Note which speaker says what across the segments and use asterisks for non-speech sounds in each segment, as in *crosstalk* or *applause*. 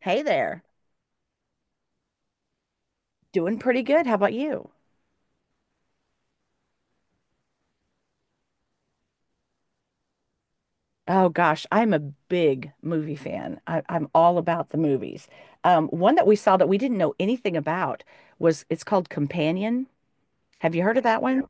Speaker 1: Hey there. Doing pretty good. How about you? Oh gosh, I'm a big movie fan. I'm all about the movies. One that we saw that we didn't know anything about was it's called Companion. Have you heard of that one? No.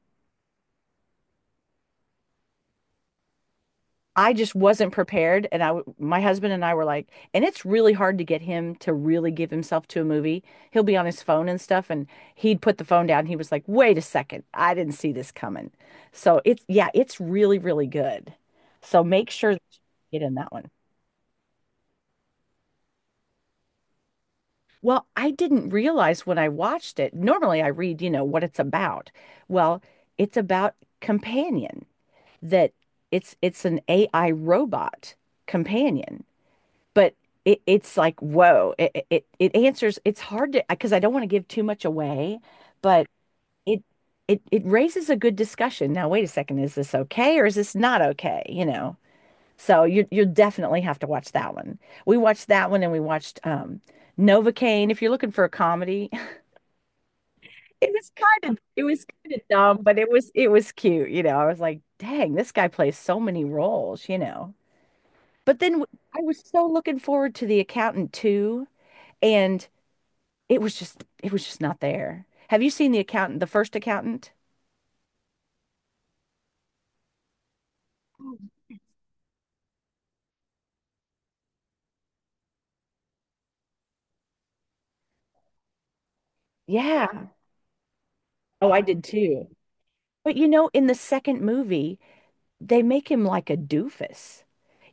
Speaker 1: I just wasn't prepared, and my husband and I were like, and it's really hard to get him to really give himself to a movie. He'll be on his phone and stuff, and he'd put the phone down. He was like, "Wait a second, I didn't see this coming." So it's yeah, it's really good. So make sure that you get in that one. Well, I didn't realize when I watched it. Normally, I read, you know, what it's about. Well, it's about companion that it's an AI robot companion, but it's like whoa, it answers. It's hard to because I don't want to give too much away, but it it raises a good discussion. Now, wait a second, is this okay or is this not okay? You know? So you definitely have to watch that one. We watched that one and we watched Novocaine. If you're looking for a comedy, *laughs* it was kind of dumb, but it was cute. You know, I was like, dang, this guy plays so many roles, you know. But then I was so looking forward to The Accountant too, and it was just not there. Have you seen The Accountant, the first accountant? Yeah. Oh, I did too. But you know, in the second movie, they make him like a doofus.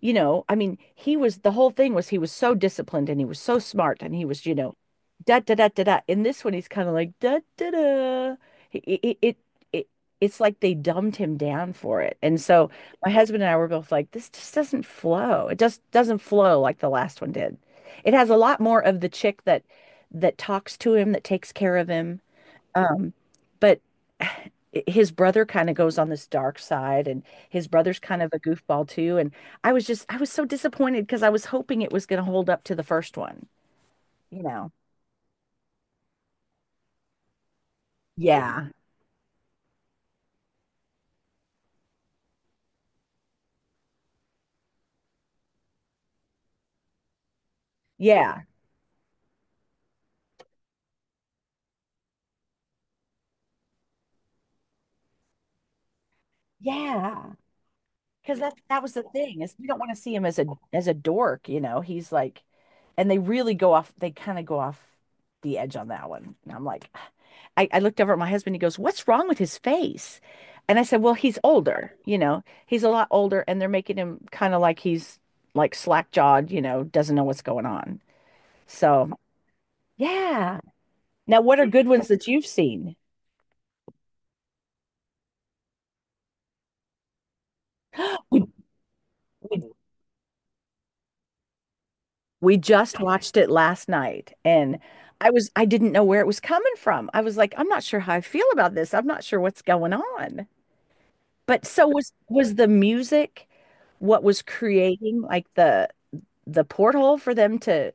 Speaker 1: You know, I mean, he was the whole thing was he was so disciplined and he was so smart and he was, you know, da da da da da. In this one, he's kind of like da da da. It, it it it it's like they dumbed him down for it. And so my husband and I were both like, this just doesn't flow. It just doesn't flow like the last one did. It has a lot more of the chick that talks to him, that takes care of him um, but *sighs* his brother kind of goes on this dark side, and his brother's kind of a goofball too. And I was just, I was so disappointed because I was hoping it was going to hold up to the first one, you know? Yeah. Yeah. Yeah. Because that was the thing is we don't want to see him as a dork, you know. He's like, and they really go off. They kind of go off the edge on that one. And I'm like, I looked over at my husband. He goes, "What's wrong with his face?" And I said, "Well, he's older. You know, he's a lot older, and they're making him kind of like he's like slack jawed. You know, doesn't know what's going on." So yeah. Now, what are good ones that you've seen? We, we We just watched it last night and I didn't know where it was coming from. I was like, I'm not sure how I feel about this. I'm not sure what's going on. But so was the music what was creating like the porthole for them to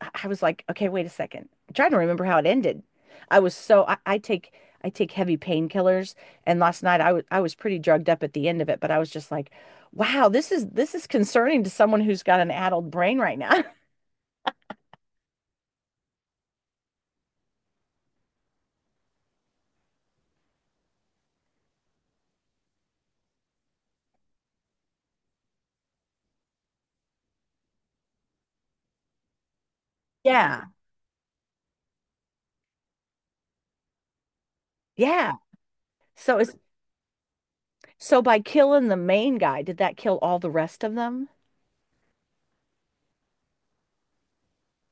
Speaker 1: I was like, okay, wait a second. I'm trying to remember how it ended. I was so I take heavy painkillers and last night I was pretty drugged up at the end of it, but I was just like, wow, this is concerning to someone who's got an addled brain right now. *laughs* Yeah. Yeah. So is so by killing the main guy, did that kill all the rest of them?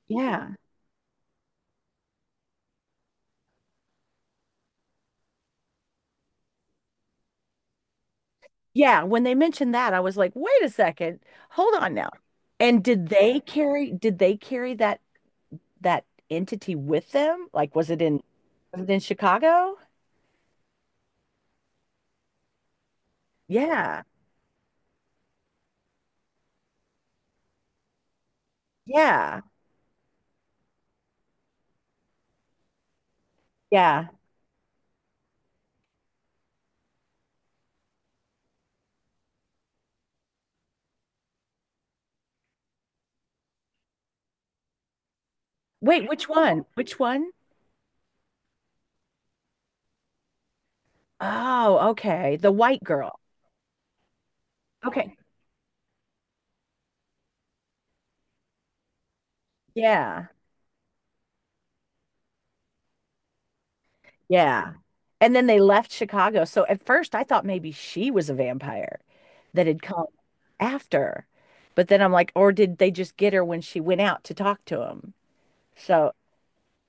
Speaker 1: Yeah. Yeah, when they mentioned that, I was like, wait a second, hold on now. And did they carry that that entity with them? Like was it in Chicago? Yeah. Yeah. Yeah. Wait, which one? Which one? Oh, okay. The white girl. Okay. Yeah. Yeah. And then they left Chicago. So at first I thought maybe she was a vampire that had come after. But then I'm like, or did they just get her when she went out to talk to him? So,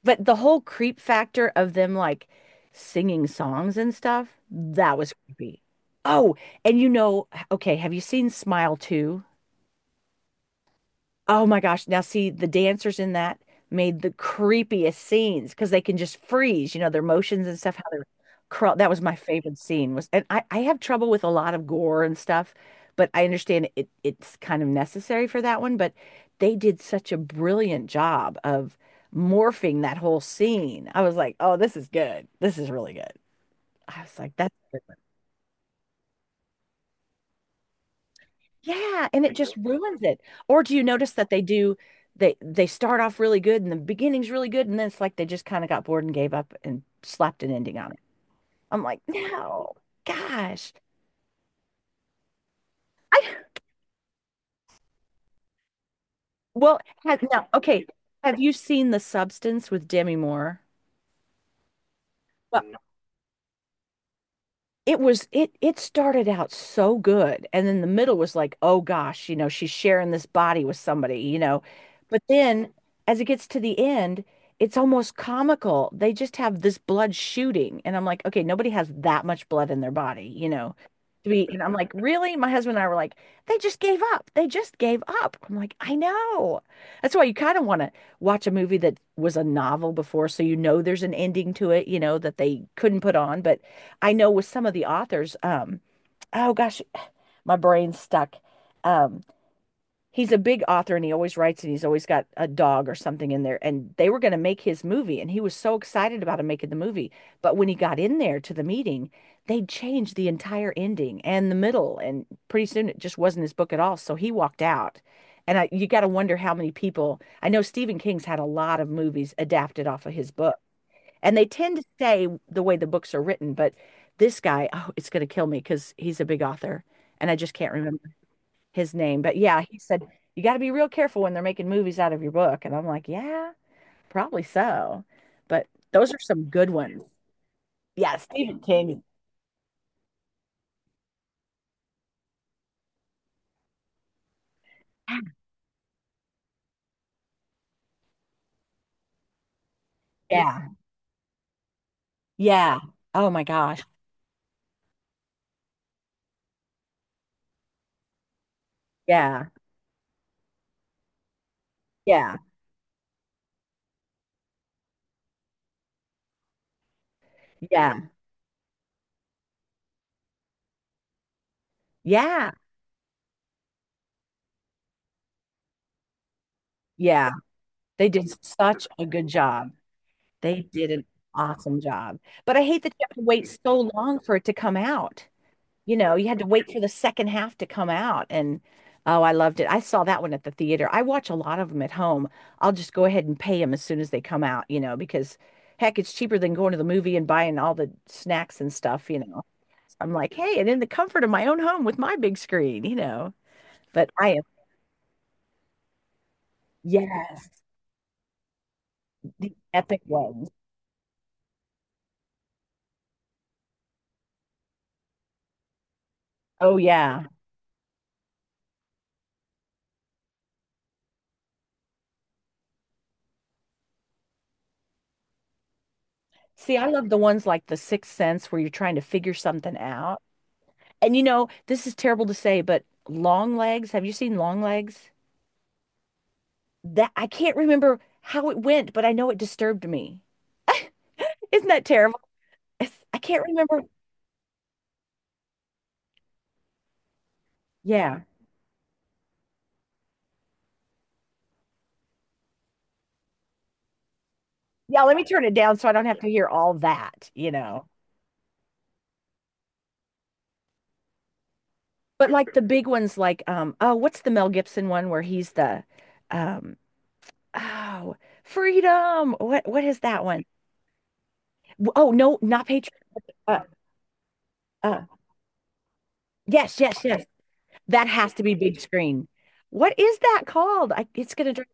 Speaker 1: but the whole creep factor of them like singing songs and stuff, that was creepy. Oh, and you know, okay, have you seen Smile 2? Oh my gosh. Now, see, the dancers in that made the creepiest scenes because they can just freeze, you know, their motions and stuff, how they're crawl. That was my favorite scene was, and I have trouble with a lot of gore and stuff, but I understand it it's kind of necessary for that one, but they did such a brilliant job of morphing that whole scene. I was like, oh, this is good. This is really good. I was like, that's yeah, and it just ruins it. Or do you notice that they do they start off really good and the beginning's really good and then it's like they just kind of got bored and gave up and slapped an ending on it. I'm like, no, gosh. I well, Now, okay. Have you seen The Substance with Demi Moore? Well, it it started out so good and then the middle was like oh gosh, you know, she's sharing this body with somebody, you know, but then as it gets to the end it's almost comical, they just have this blood shooting and I'm like okay, nobody has that much blood in their body, you know, to be and I'm like really, my husband and I were like they just gave up, I'm like I know that's why you kind of want to watch a movie that was a novel before so you know there's an ending to it you know that they couldn't put on, but I know with some of the authors, oh gosh, my brain's stuck. Um, he's a big author and he always writes and he's always got a dog or something in there. And they were going to make his movie and he was so excited about him making the movie. But when he got in there to the meeting, they changed the entire ending and the middle. And pretty soon it just wasn't his book at all. So he walked out. And you got to wonder how many people, I know Stephen King's had a lot of movies adapted off of his book. And they tend to stay the way the books are written, but this guy, oh, it's going to kill me because he's a big author and I just can't remember his name. But yeah, he said, you got to be real careful when they're making movies out of your book. And I'm like, yeah, probably so. But those are some good ones. Yeah, Stephen King. Yeah. Yeah. Oh my gosh. Yeah. Yeah. Yeah. Yeah. Yeah. They did such a good job. They did an awesome job. But I hate that you have to wait so long for it to come out. You know, you had to wait for the second half to come out. And oh, I loved it. I saw that one at the theater. I watch a lot of them at home. I'll just go ahead and pay them as soon as they come out, you know, because heck, it's cheaper than going to the movie and buying all the snacks and stuff, you know. I'm like, hey, and in the comfort of my own home with my big screen, you know. But I am, yes, the epic ones. Oh, yeah. See, I love the ones like The Sixth Sense where you're trying to figure something out. And you know, this is terrible to say, but Long Legs, have you seen Long Legs? That I can't remember how it went, but I know it disturbed me. *laughs* Isn't that terrible? It's- I can't remember. Yeah. Yeah, let me turn it down so I don't have to hear all that, you know. But like the big ones like oh, what's the Mel Gibson one where he's the um oh, Freedom. What is that one? Oh, no, not Patriot. Uh, uh, yes, yes, yes. That has to be big screen. What is that called? It's going to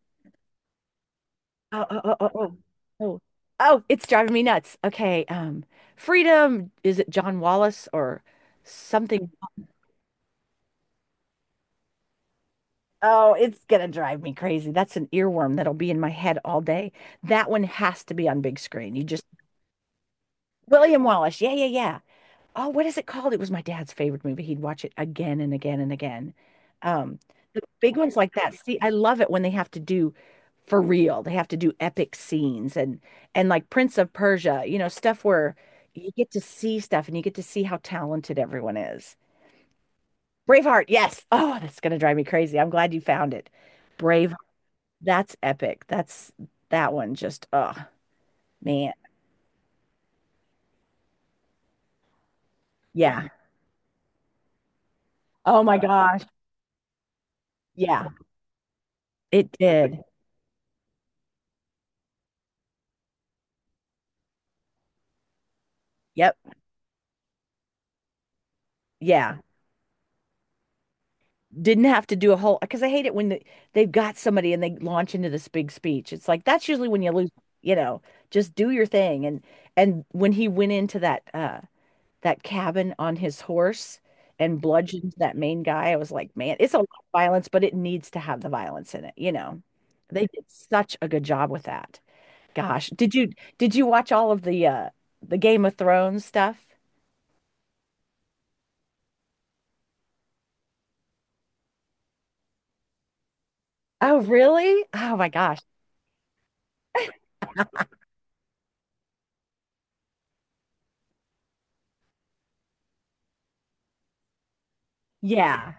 Speaker 1: oh, oh, oh, it's driving me nuts. Okay, Freedom, is it John Wallace or something? Oh, it's gonna drive me crazy. That's an earworm that'll be in my head all day. That one has to be on big screen. You just William Wallace. Yeah, yeah, yeah. Oh, what is it called? It was my dad's favorite movie. He'd watch it again and again and again. Um, the big ones like that. See, I love it when they have to do for real. They have to do epic scenes and like Prince of Persia, stuff where you get to see stuff and you get to see how talented everyone is. Braveheart, yes. Oh, that's gonna drive me crazy. I'm glad you found it. Brave, that's epic. That one just, oh man. Yeah. Oh my gosh. Yeah, it did. Yep. Yeah. Didn't have to do a whole because I hate it when they've got somebody and they launch into this big speech. It's like that's usually when you lose, you know, just do your thing. And when he went into that cabin on his horse and bludgeoned that main guy, I was like, man, it's a lot of violence, but it needs to have the violence in it. They did such a good job with that. Gosh, did you watch all of the Game of Thrones stuff? Oh, really? Oh my gosh. Yeah.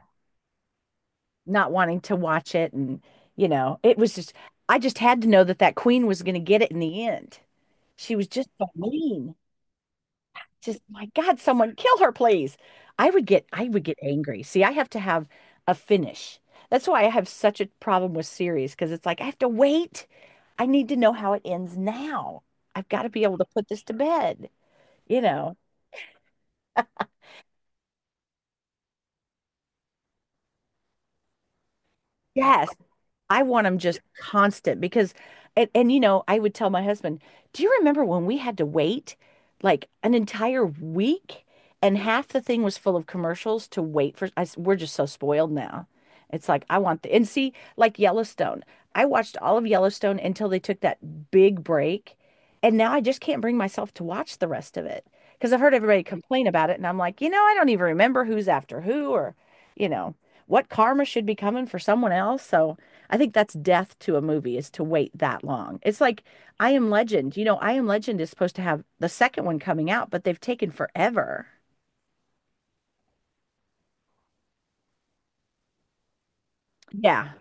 Speaker 1: Not wanting to watch it and it was just, I just had to know that that queen was going to get it in the end. She was just so mean. Just my god, someone kill her please. I would get angry. See, I have to have a finish. That's why I have such a problem with series because it's like I have to wait. I need to know how it ends now. I've got to be able to put this to bed you know yes, I want them just constant. And I would tell my husband, do you remember when we had to wait like an entire week and half the thing was full of commercials to wait for? I s We're just so spoiled now. It's like, and see, like Yellowstone, I watched all of Yellowstone until they took that big break. And now I just can't bring myself to watch the rest of it because I've heard everybody complain about it. And I'm like, I don't even remember who's after who or, you know, what karma should be coming for someone else. So, I think that's death to a movie is to wait that long. It's like I Am Legend. I Am Legend is supposed to have the second one coming out, but they've taken forever. Yeah.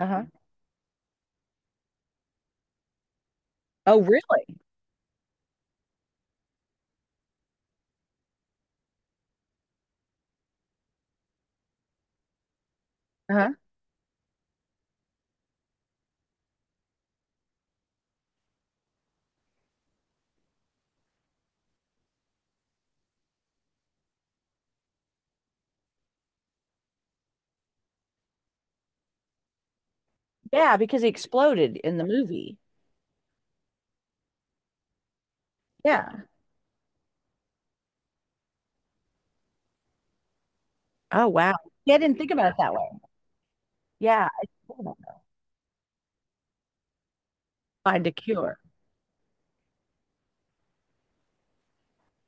Speaker 1: Uh-huh. Oh, really? Uh-huh. Yeah, because he exploded in the movie. Yeah. Oh, wow. Yeah, I didn't think about it that way. Yeah. I didn't think about that. Find a cure.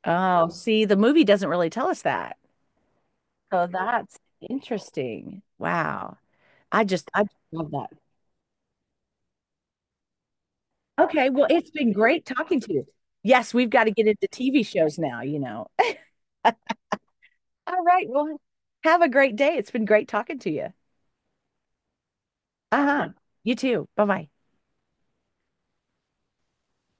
Speaker 1: Oh, see, the movie doesn't really tell us that. So that's interesting. Wow. I love that. Okay, well, it's been great talking to you. Yes, we've got to get into TV shows now. *laughs* All right, well, have a great day. It's been great talking to you. Uh-huh. You too. Bye-bye.